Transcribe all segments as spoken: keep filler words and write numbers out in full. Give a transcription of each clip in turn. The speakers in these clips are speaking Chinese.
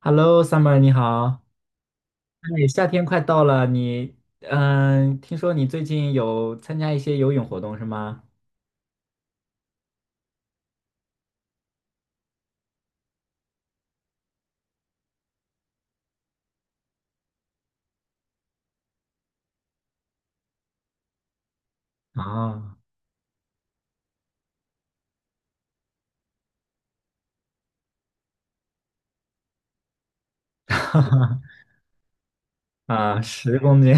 Hello，Summer，你好。哎，夏天快到了，你嗯，听说你最近有参加一些游泳活动是吗？啊，啊，十公斤，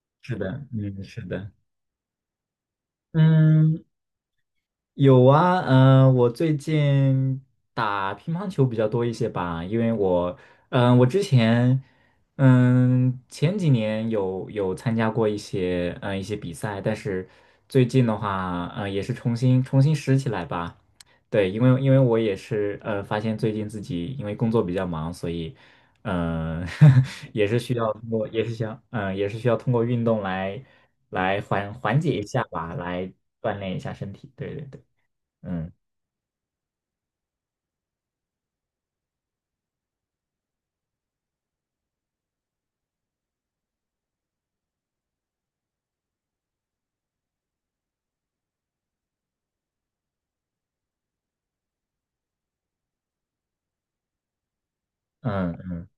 是的，嗯，是的，嗯，有啊，嗯、我最近打乒乓球比较多一些吧，因为我，嗯、我之前，嗯、前几年有有参加过一些，嗯、一些比赛，但是最近的话，嗯、也是重新重新拾起来吧。对，因为因为我也是，呃，发现最近自己因为工作比较忙，所以，嗯、也是需要通过，也是想，嗯、也是需要通过运动来来缓缓解一下吧，来锻炼一下身体。对对对。嗯嗯嗯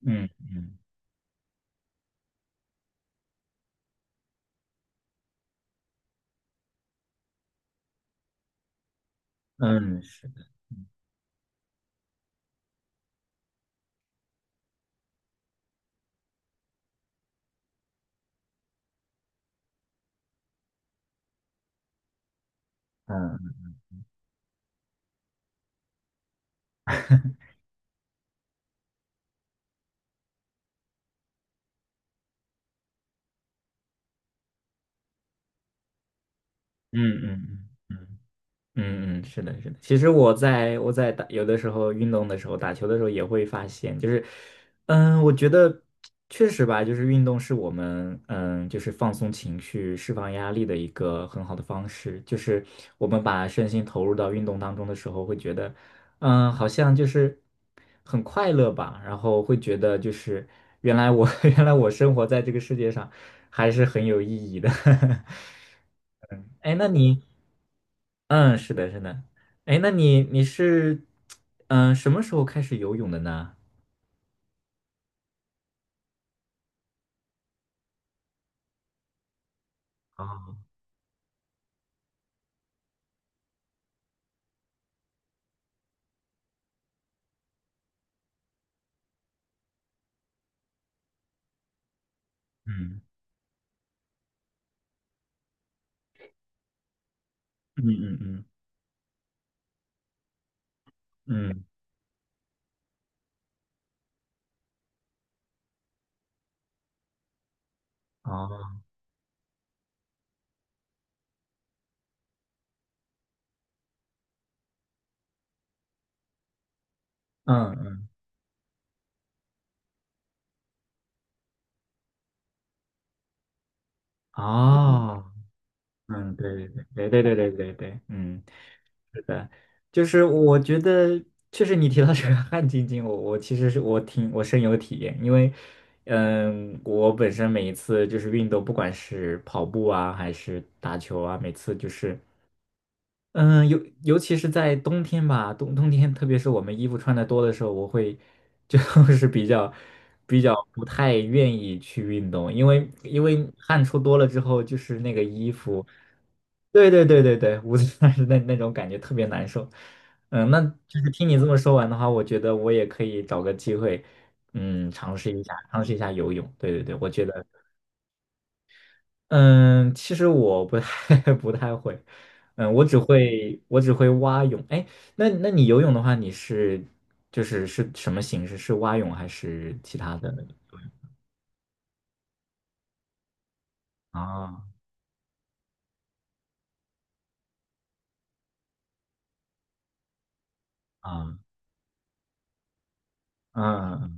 嗯嗯嗯，是，嗯嗯嗯嗯。嗯嗯嗯，是的，是的。其实我在我在打有的时候运动的时候，打球的时候也会发现，就是，嗯，我觉得确实吧，就是运动是我们嗯，就是放松情绪、释放压力的一个很好的方式。就是我们把身心投入到运动当中的时候，会觉得，嗯，好像就是很快乐吧，然后会觉得就是原来我 原来我生活在这个世界上还是很有意义的。嗯，哎，那你，嗯，是的，是的，哎，那你你是，嗯、什么时候开始游泳的呢？哦，嗯嗯嗯嗯嗯，哦，嗯嗯哦，嗯，对对对对对对对对对，嗯，是的，就是我觉得确实你提到这个汗津津，我我其实是我挺我深有体验，因为，嗯，我本身每一次就是运动，不管是跑步啊还是打球啊，每次就是。嗯，尤尤其是在冬天吧，冬冬天，特别是我们衣服穿的多的时候，我会就 是比较比较不太愿意去运动，因为因为汗出多了之后，就是那个衣服，对对对对对，捂着但是那那种感觉特别难受。嗯，那就是听你这么说完的话，我觉得我也可以找个机会，嗯，尝试一下尝试一下游泳。对对对，我觉得。嗯，其实我不太 不太会，嗯，我只会我只会蛙泳。哎，那那你游泳的话，你是就是是什么形式？是蛙泳还是其他的游泳？啊啊啊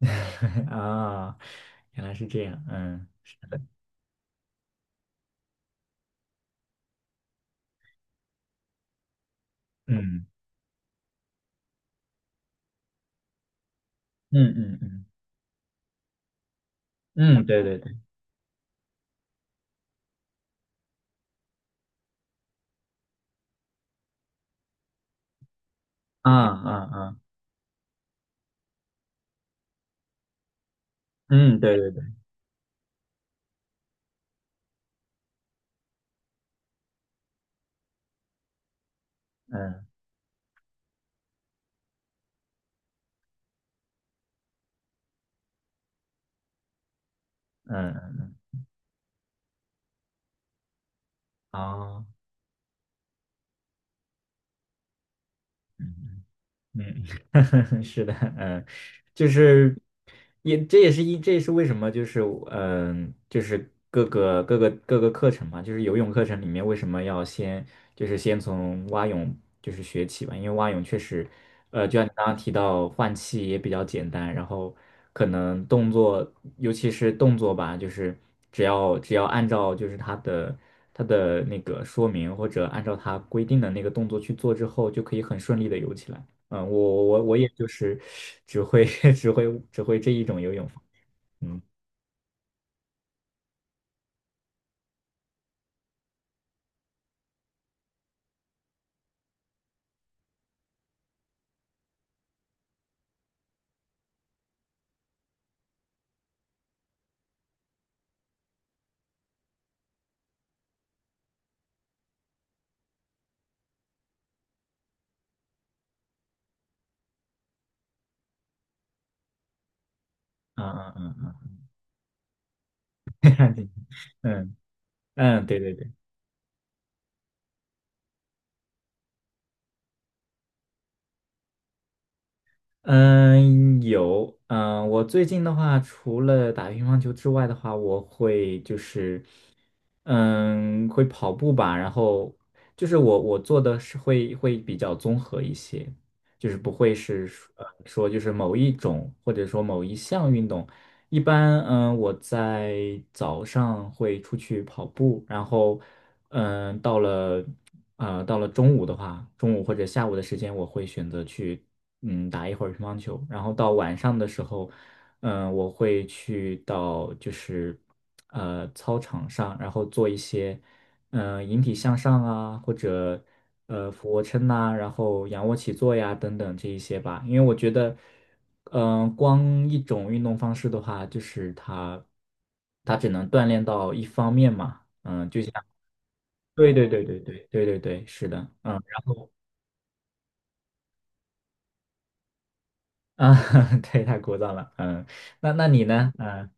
啊！原来是这样，嗯，是的，嗯嗯嗯嗯嗯，对对对，啊啊啊，嗯，对对对，嗯嗯嗯，哦。嗯嗯，是的，嗯，就是也这也是一这也是为什么就是嗯就是各个各个各个课程嘛，就是游泳课程里面为什么要先就是先从蛙泳就是学起吧，因为蛙泳确实呃就像你刚刚提到换气也比较简单，然后可能动作尤其是动作吧，就是只要只要按照就是它的它的那个说明或者按照它规定的那个动作去做之后，就可以很顺利的游起来。嗯，我我我也就是只会 只会只会这一种游泳方式嗯嗯嗯嗯嗯，嗯嗯嗯，对对对。嗯，有，嗯，我最近的话，除了打乒乓球之外的话，我会就是，嗯，会跑步吧，然后就是我我做的是会会比较综合一些，就是不会是说呃说就是某一种或者说某一项运动，一般嗯我在早上会出去跑步，然后嗯到了。呃，到了中午的话，中午或者下午的时间，我会选择去嗯打一会儿乒乓球，然后到晚上的时候，嗯、我会去到就是呃操场上，然后做一些嗯、呃引体向上啊，或者呃俯卧撑呐、然后仰卧起坐呀等等这一些吧，因为我觉得。嗯、呃光一种运动方式的话，就是它，它只能锻炼到一方面嘛。嗯、就像。对对对对对对对对，是的，嗯，然后啊，对，太枯燥了，嗯，那那你呢？嗯，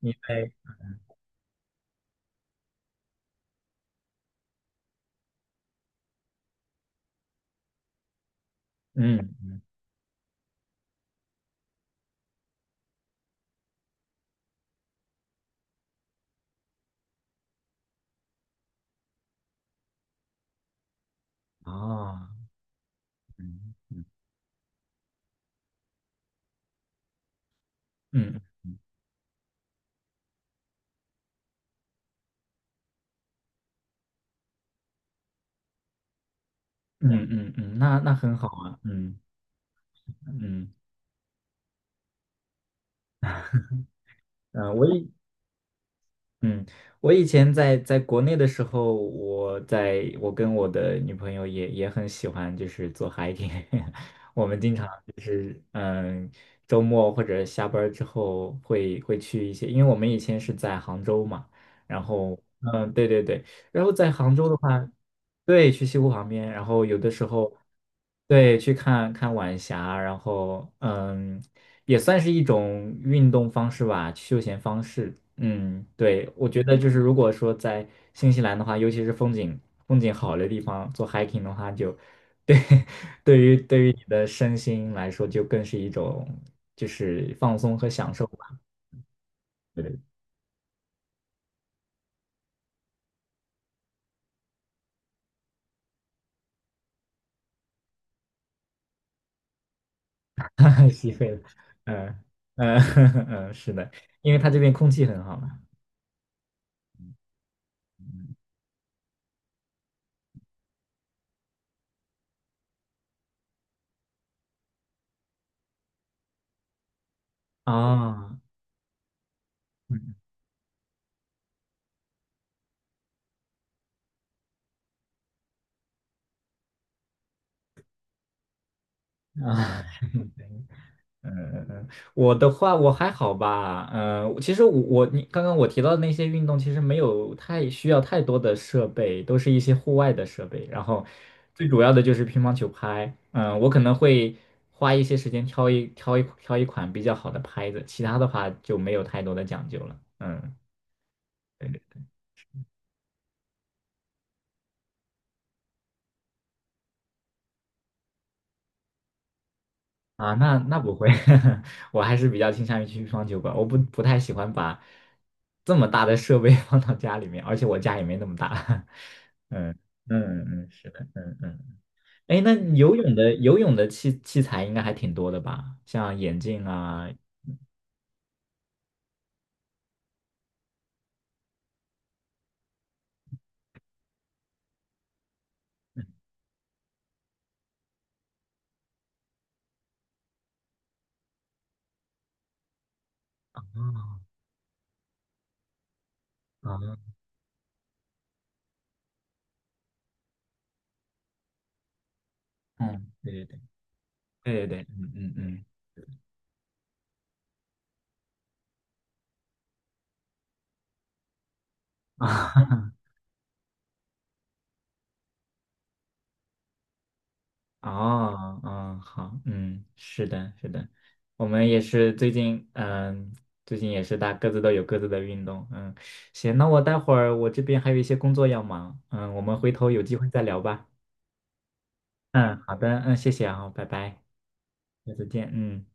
你在嗯，哦，嗯嗯嗯嗯嗯，嗯那那很好啊，嗯嗯嗯，呃我也嗯，我以前在在国内的时候，我在我跟我的女朋友也也很喜欢，就是做 hiking。我们经常就是嗯，周末或者下班儿之后会会去一些，因为我们以前是在杭州嘛，然后嗯，对对对，然后在杭州的话，对，去西湖旁边，然后有的时候对去看看晚霞，然后嗯，也算是一种运动方式吧，休闲方式。嗯，对，我觉得就是如果说在新西兰的话，尤其是风景风景好的地方做 hiking 的话就，对 对于对于你的身心来说，就更是一种就是放松和享受吧。对，吸肺了，嗯嗯 嗯，是的，因为它这边空气很好嘛。啊，嗯啊，嗯嗯嗯，我的话我还好吧，嗯、其实我我你刚刚我提到的那些运动，其实没有太需要太多的设备，都是一些户外的设备。然后最主要的就是乒乓球拍，嗯、我可能会花一些时间挑一挑一挑一款比较好的拍子，其他的话就没有太多的讲究了。嗯，对啊，那那不会，我还是比较倾向于去乒乓球馆，我不不太喜欢把这么大的设备 放到家里面，而且我家也没那么大。嗯嗯嗯，是的，嗯嗯。哎，那你游泳的游泳的器器材应该还挺多的吧？像眼镜啊，啊，嗯，对对对对对对，嗯嗯嗯，啊，哦，嗯，好，嗯，是的，是的，我们也是最近，嗯，最近也是大各自都有各自的运动，嗯，行，那我待会儿我这边还有一些工作要忙，嗯，我们回头有机会再聊吧，嗯，好的，嗯，谢谢啊，拜拜，下次见，嗯。